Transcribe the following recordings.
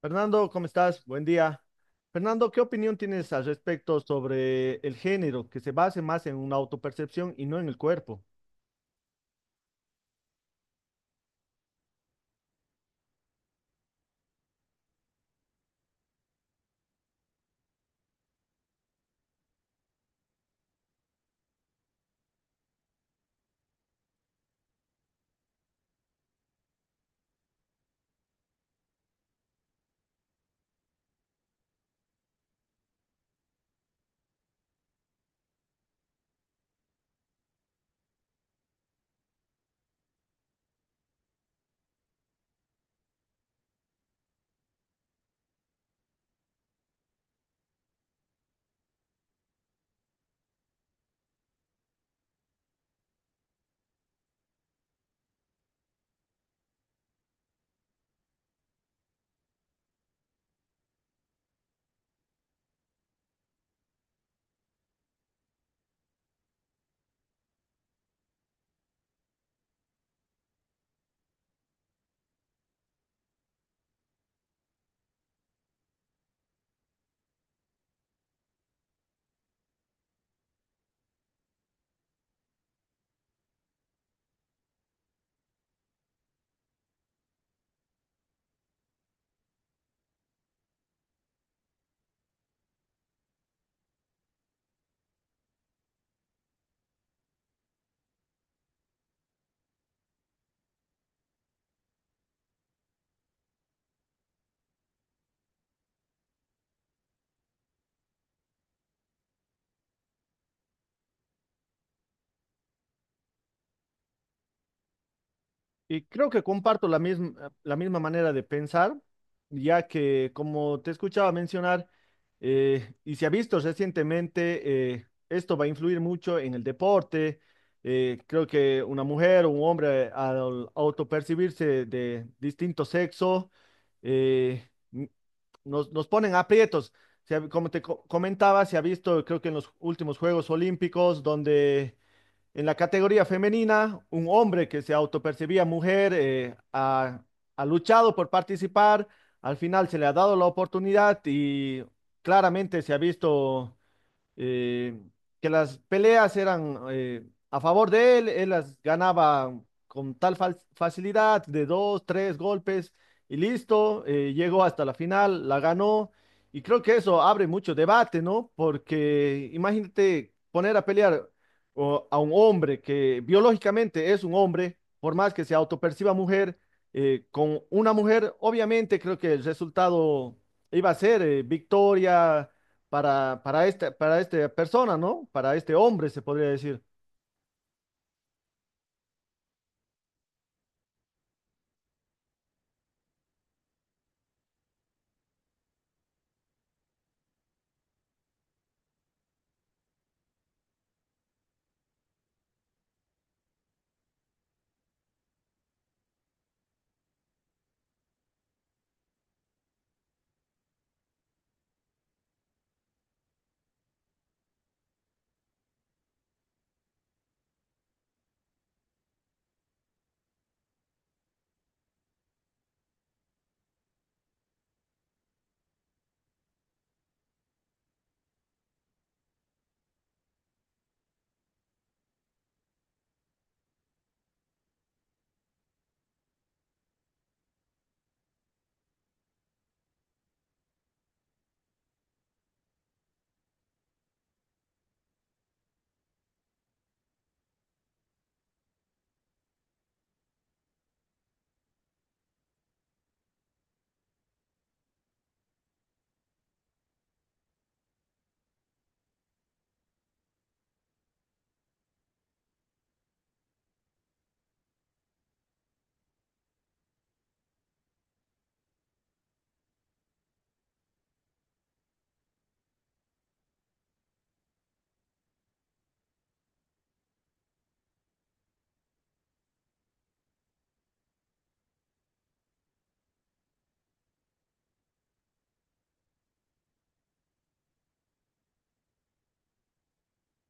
Fernando, ¿cómo estás? Buen día. Fernando, ¿qué opinión tienes al respecto sobre el género que se base más en una autopercepción y no en el cuerpo? Y creo que comparto la misma manera de pensar, ya que como te escuchaba mencionar, y se ha visto recientemente, esto va a influir mucho en el deporte. Creo que una mujer o un hombre al autopercibirse de distinto sexo, eh, nos ponen aprietos. Como comentaba, se ha visto, creo que en los últimos Juegos Olímpicos, donde en la categoría femenina, un hombre que se autopercibía mujer ha luchado por participar, al final se le ha dado la oportunidad y claramente se ha visto eh, que las peleas eran a favor de él, él las ganaba con tal facilidad de dos, tres golpes y listo. Llegó hasta la final, la ganó y creo que eso abre mucho debate, ¿no? Porque imagínate poner a pelear a un hombre que biológicamente es un hombre, por más que se autoperciba mujer, con una mujer. Obviamente creo que el resultado iba a ser victoria para esta persona, ¿no? Para este hombre, se podría decir.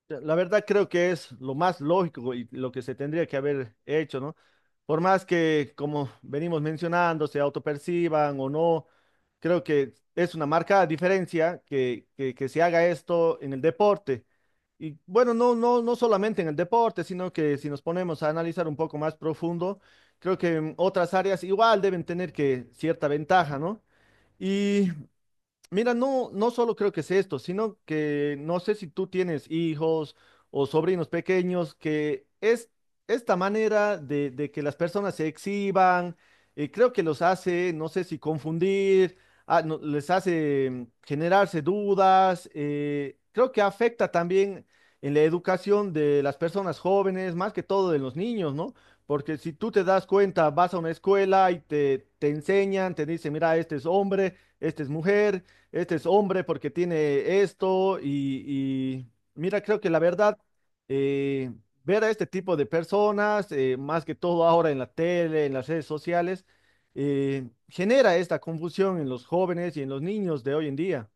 La verdad creo que es lo más lógico y lo que se tendría que haber hecho, ¿no? Por más que, como venimos mencionando, se autoperciban o no, creo que es una marcada diferencia que se haga esto en el deporte. Y bueno, no solamente en el deporte, sino que si nos ponemos a analizar un poco más profundo, creo que en otras áreas igual deben tener que cierta ventaja, ¿no? Y mira, no solo creo que es esto, sino que no sé si tú tienes hijos o sobrinos pequeños. Que es esta manera de que las personas se exhiban, creo que los hace, no sé, si confundir, les hace generarse dudas. Creo que afecta también en la educación de las personas jóvenes, más que todo de los niños, ¿no? Porque si tú te das cuenta, vas a una escuela y te enseñan, te dicen, mira, este es hombre, este es mujer, este es hombre porque tiene esto, y y mira, creo que la verdad, eh, ver a este tipo de personas, más que todo ahora en la tele, en las redes sociales, genera esta confusión en los jóvenes y en los niños de hoy en día.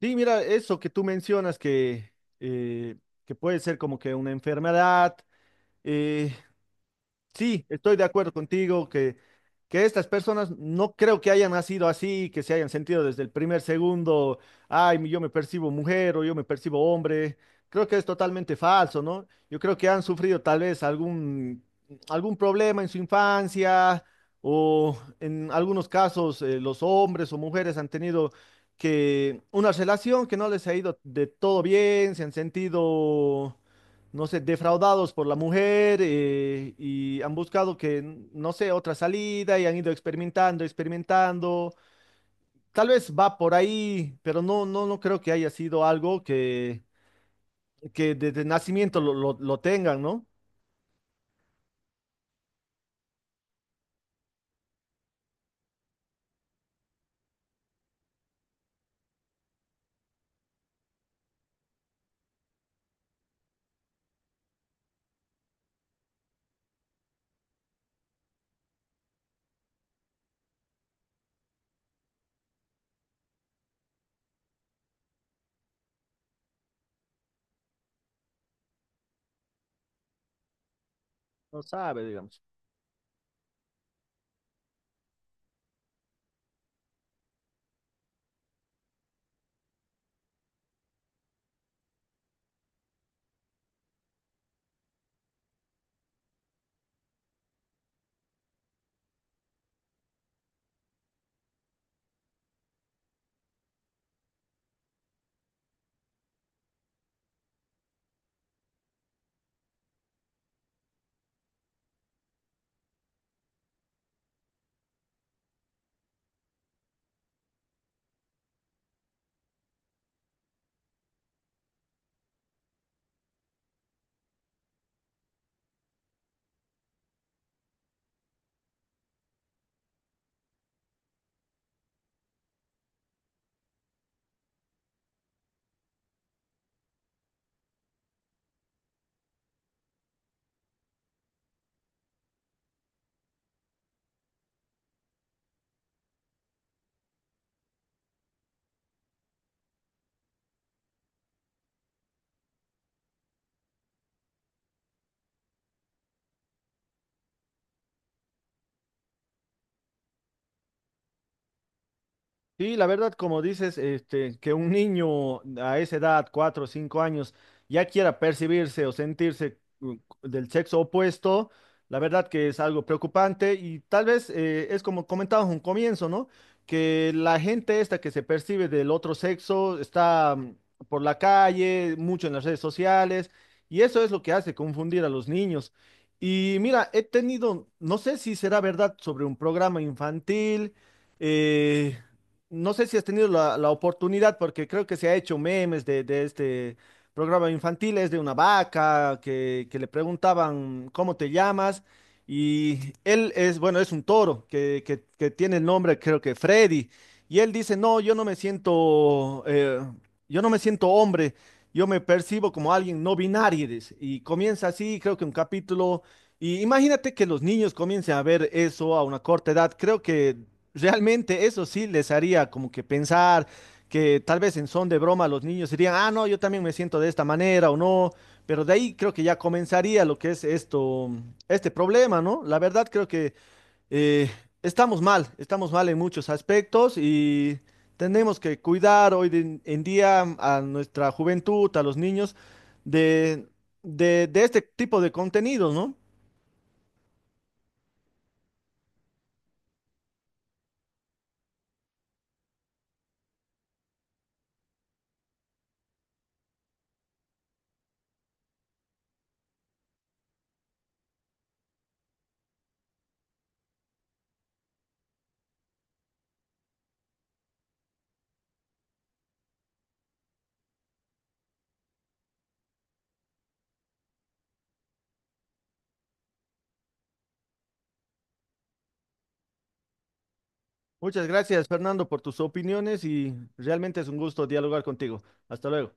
Sí, mira, eso que tú mencionas eh, que puede ser como que una enfermedad. eh, Sí, estoy de acuerdo contigo que estas personas no creo que hayan nacido así, que se hayan sentido desde el primer segundo, ay, yo me percibo mujer o yo me percibo hombre. Creo que es totalmente falso, ¿no? Yo creo que han sufrido tal vez algún problema en su infancia o en algunos casos los hombres o mujeres han tenido que una relación que no les ha ido de todo bien, se han sentido, no sé, defraudados por la mujer, y han buscado no sé, otra salida y han ido experimentando, experimentando. Tal vez va por ahí, pero no creo que haya sido algo que desde nacimiento lo tengan, ¿no? No sabe, digamos. Sí, la verdad, como dices, este, que un niño a esa edad, cuatro o cinco años, ya quiera percibirse o sentirse del sexo opuesto, la verdad que es algo preocupante y tal vez es como comentábamos un comienzo, ¿no? Que la gente esta que se percibe del otro sexo está por la calle, mucho en las redes sociales y eso es lo que hace confundir a los niños. Y mira, he tenido, no sé si será verdad sobre un programa infantil. eh, no sé si has tenido la oportunidad, porque creo que se ha hecho memes de este programa infantil, es de una vaca que le preguntaban cómo te llamas, y él es, bueno, es un toro que tiene el nombre, creo que Freddy, y él dice, no, yo no me siento, yo no me siento hombre, yo me percibo como alguien no binario, dice, y comienza así, creo que un capítulo, y imagínate que los niños comiencen a ver eso a una corta edad. Creo que realmente eso sí les haría como que pensar, que tal vez en son de broma los niños dirían, ah, no, yo también me siento de esta manera o no, pero de ahí creo que ya comenzaría lo que es esto, este problema, ¿no? La verdad creo que eh, estamos mal en muchos aspectos y tenemos que cuidar en día a nuestra juventud, a los niños, de, de este tipo de contenidos, ¿no? Muchas gracias, Fernando, por tus opiniones y realmente es un gusto dialogar contigo. Hasta luego.